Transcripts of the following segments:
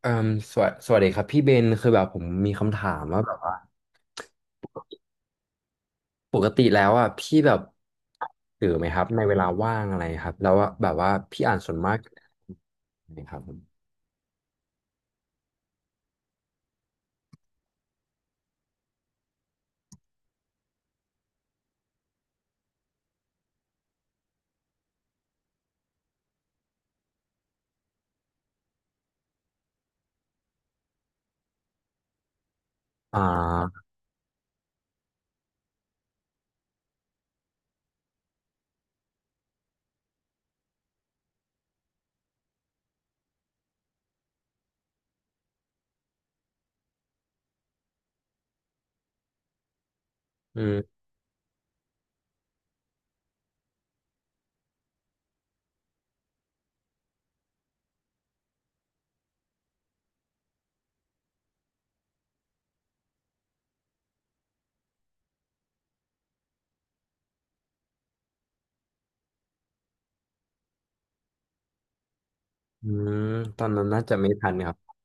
เอ่มสวัสดีครับพี่เบนคือแบบผมมีคำถามว่าแบบว่าปกติแล้วอ่ะพี่แบบตื่นไหมครับในเวลาว่างอะไรครับแล้วว่าแบบว่าพี่อ่านส่วนมากนะครับผมอ่าอืมอืมตอนนั้นน่าจะไม่ทันครับ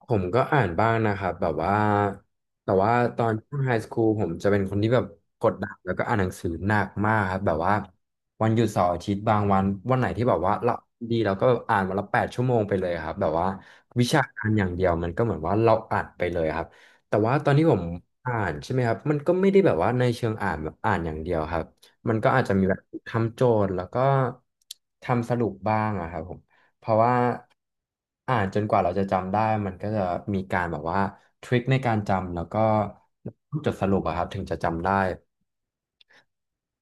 ผมก็อ่านบ้างนะครับแบบว่าแต่ว่าตอนช่วงไฮสคูลผมจะเป็นคนที่แบบกดดันแล้วก็อ่านหนังสือหนักมากครับแบบว่าวันหยุดเสาร์อาทิตย์บางวันวันไหนที่แบบว่าเราดีเราก็อ่านวันละ8 ชั่วโมงไปเลยครับแบบว่าวิชาการอย่างเดียวมันก็เหมือนว่าเราอ่านไปเลยครับแต่ว่าตอนที่ผมอ่านใช่ไหมครับมันก็ไม่ได้แบบว่าในเชิงอ่านแบบอ่านอย่างเดียวครับมันก็อาจจะมีแบบทำโจทย์แล้วก็ทำสรุปบ้างอะครับผม เพราะว่าอ่านจนกว่าเราจะจำได้มันก็จะมีการแบบว่าทริคในการจำแล้วก็จดสรุปอะครับถึงจะจำได้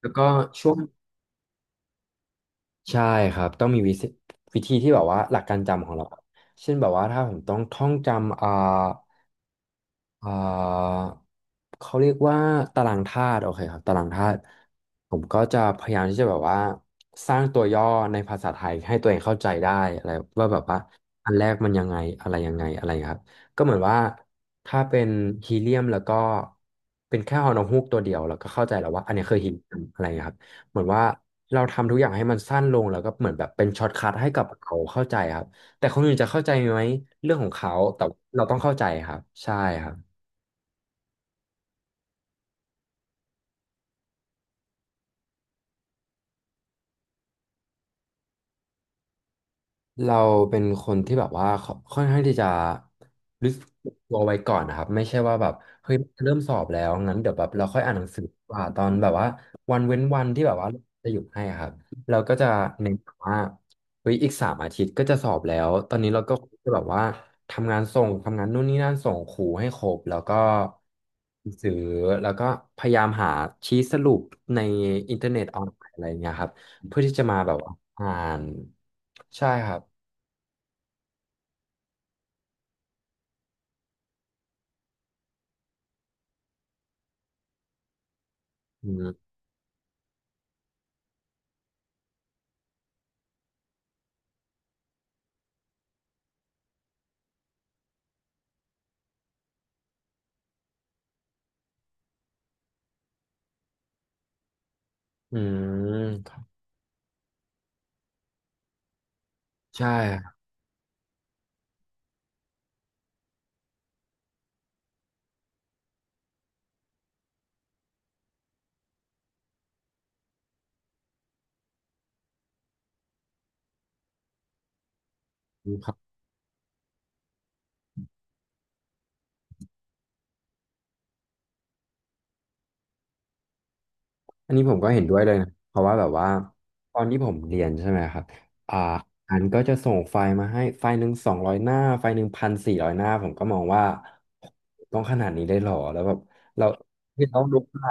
แล้วก็ช่วงใช่ครับต้องมีวิธีวิธีที่แบบว่าหลักการจำของเราเช่นแบบว่าถ้าผมต้องท่องจำอ่าเขาเรียกว่าตารางธาตุโอเคครับตารางธาตุผมก็จะพยายามที่จะแบบว่าสร้างตัวย่อในภาษาไทยให้ตัวเองเข้าใจได้อะไรว่าแบบว่าอันแรกมันยังไงอะไรยังไงอะไรครับก็เหมือนว่าถ้าเป็นฮีเลียมแล้วก็เป็นแค่ฮอนูกตัวเดียวแล้วก็เข้าใจแล้วว่าอันนี้คือฮีเลียมอะไรครับเหมือนว่าเราทำทุกอย่างให้มันสั้นลงแล้วก็เหมือนแบบเป็นช็อตคัทให้กับเขาเข้าใจครับแต่คนอื่นจะเข้าใจไหมเรื่องของเขาแต่เราต้องเข้าใจครับใช่ครับ เราเป็นคนที่แบบว่าค่อนข้างที่จะรู้สึกตัวไว้ก่อนนะครับไม่ใช่ว่าแบบเฮ้ยเริ่มสอบแล้วงั้นเดี๋ยวแบบเราค่อยอ่านหนังสือดีกว่าตอนแบบว่าวันเว้นวันที่แบบว่าจะหยุดให้อะครับเราก็จะเน้นแบบว่าเฮ้ยอีก3 อาทิตย์ก็จะสอบแล้วตอนนี้เราก็จะแบบว่าทำงานส่งทำงานนู่นนี่นั่นส่งครูให้ครบแล้วก็ซื้อแล้วก็พยายามหาชี้สรุปในอินเทอร์เน็ตออนไลน์อะไรอย่างเงี้ยครับเพื่อที่จะมาแบบว่าอ่านใช่ครับ อืมอืมใช่ครับ อันนี้ผมก็เห็นด้วยเลยนะเพราะว่าแบบว่าตอนที่ผมเรียนใช่ไหมครับอ่าอันก็จะส่งไฟล์มาให้ไฟล์หนึ่ง200 หน้าไฟล์1,400 หน้าผมก็มองว่าต้องขนาดนี้ได้หรอแล้วแบบเราที่ต้องดูว่า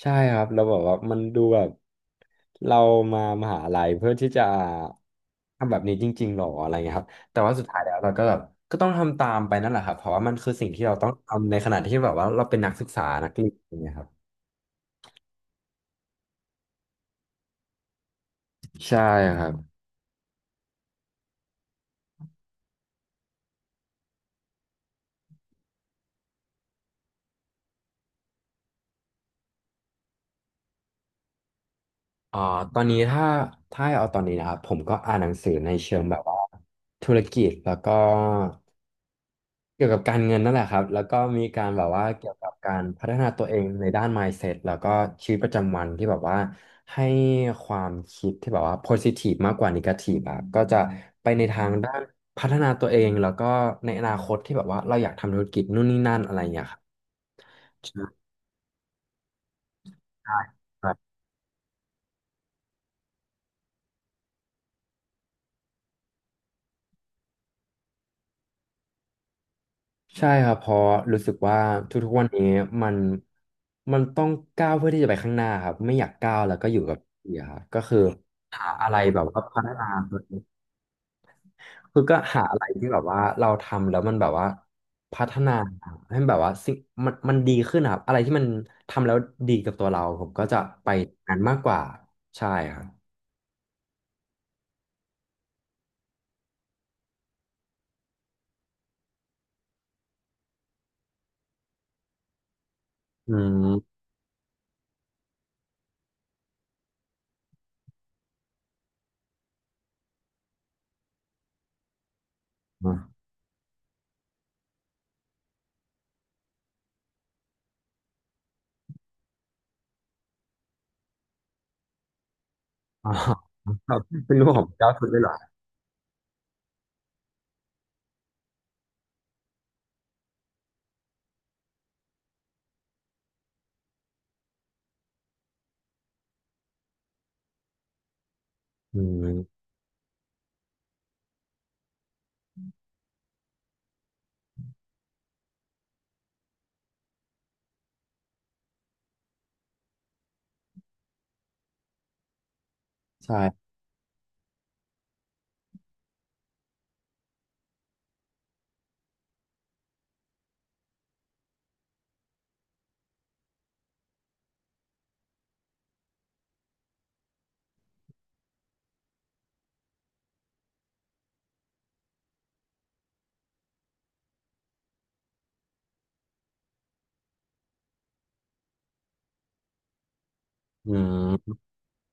ใช่ครับเราแบอกว่ามันดูแบบเรามามหาลัยเพื่อที่จะทำแบบนี้จริงๆหรออะไรเงี้ยครับแต่ว่าสุดท้ายแล้วเราก็แบบก็ต้องทำตามไปนั่นแหละครับเพราะว่ามันคือสิ่งที่เราต้องทำในขณะที่แบบว่าเราเป็นนักศึกษานักเรียนอย่างเงี้ยครับใช่ครับ อ่าตอนนี้ถ้าถ้าให้เอาตอนนี้นะครับผมก็อ่านหนังสือในเชิงแบบว่าธุรกิจแล้วก็เกี่ยวกับการเงินนั่นแหละครับแล้วก็มีการแบบว่าเกี่ยวกับการพัฒนาตัวเองในด้าน mindset แล้วก็ชีวิตประจำวันที่แบบว่าให้ความคิดที่แบบว่า positive มากกว่า negative อะก็จะไปในทางด้านพัฒนาตัวเอง แล้วก็ในอนาคตที่แบบว่าเราอยากทำธุรกิจนู่นนี่นั่นอะไรอย่างเงี้ยครับใช่ ใช่ครับเพราะรู้สึกว่าทุกๆวันนี้มันมันต้องก้าวเพื่อที่จะไปข้างหน้าครับไม่อยากก้าวแล้วก็อยู่กับที่อะครับก็คือหาอะไรแบบว่าพัฒนาตัวเองคือก็หาอะไรที่แบบว่าเราทำแล้วมันแบบว่าพัฒนาให้แบบว่ามันดีขึ้นนะครับอะไรที่มันทำแล้วดีกับตัวเราผมก็จะไปนั้นมากกว่าใช่ครับอืม อ๋อครับเป็นรูปของก้าวสุดเลยเหรออืมใช่อืม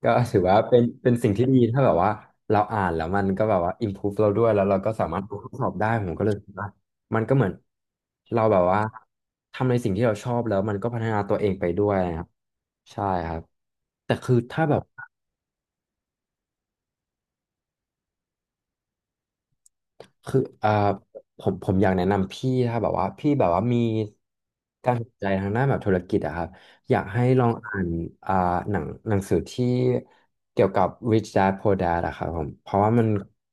ก็ถือว่าเป็นเป็นสิ่งที่ดีถ้าแบบว่าเราอ่านแล้วมันก็แบบว่า improve เราด้วยแล้วเราก็สามารถทดสอบได้ผมก็เลยคิดว่ามันก็เหมือนเราแบบว่าทำในสิ่งที่เราชอบแล้วมันก็พัฒนาตัวเองไปด้วยนะครับใช่ครับแต่คือถ้าแบบ คือผมอยากแนะนำพี่ถ้าแบบว่าพี่แบบว่ามีการสนใจทางด้านแบบธุรกิจอะครับอยากให้ลองอ่านอ่าหนังสือที่เกี่ยวกับ Rich Dad Poor Dad อะครับผมเพราะว่ามัน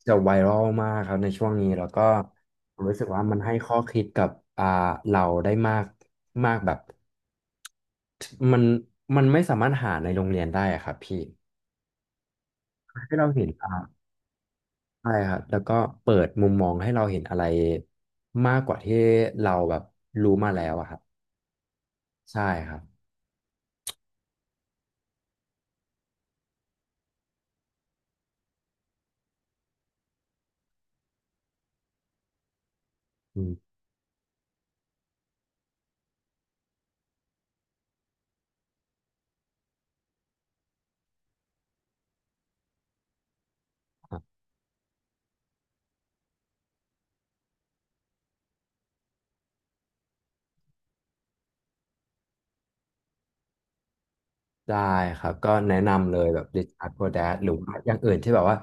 จะไวรัลมากครับในช่วงนี้แล้วก็ผมรู้สึกว่ามันให้ข้อคิดกับอ่าเราได้มากมากแบบมันมันไม่สามารถหาในโรงเรียนได้อะครับพี่ให้เราเห็น ใช่ครับแล้วก็เปิดมุมมองให้เราเห็นอะไรมากกว่าที่เราแบบรู้มาแล้วอะครับใช่ครับอืมครับได้ครับก็แนะนำเลยแบบ Richard Gordon หรือว่าอย่างอื่นที่แบบว่า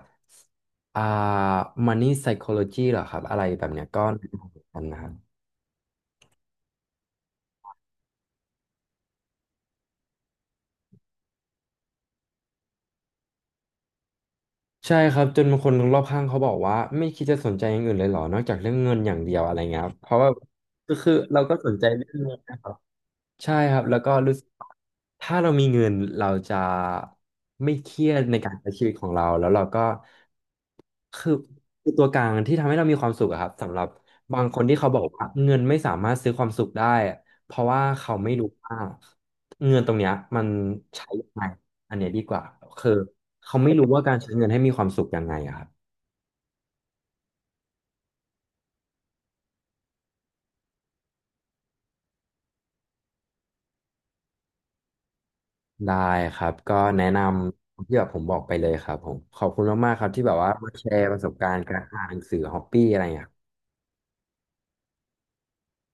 อ่า Money Psychology เหรอครับอะไรแบบเนี้ยก็แนะนำเหมือนกันนะครับใช่ครับจนบางคนรอบข้างเขาบอกว่าไม่คิดจะสนใจอย่างอื่นเลยเหรอนอกจากเรื่องเงินอย่างเดียวอะไรเงี้ยครับเพราะว่าก็คือเราก็สนใจเรื่องเงินนะครับ ใช่ครับแล้วก็รู้สึกว่าถ้าเรามีเงินเราจะไม่เครียดในการใช้ชีวิตของเราแล้วเราก็คือคือตัวกลางที่ทำให้เรามีความสุขอะครับสำหรับบางคนที่เขาบอกว่าเงินไม่สามารถซื้อความสุขได้เพราะว่าเขาไม่รู้ว่าเงินตรงเนี้ยมันใช้ยังไงอันเนี้ยดีกว่าคือเขาไม่รู้ว่าการใช้เงินให้มีความสุขยังไงอะครับ ได้ครับก็แนะนำที่แบบผมบอกไปเลยครับผมขอบคุณมากๆครับที่แบบว่ามาแชร์ประสบการณ์การอ่านหนังสือฮอปปี้อะไรอย่างเงี้ย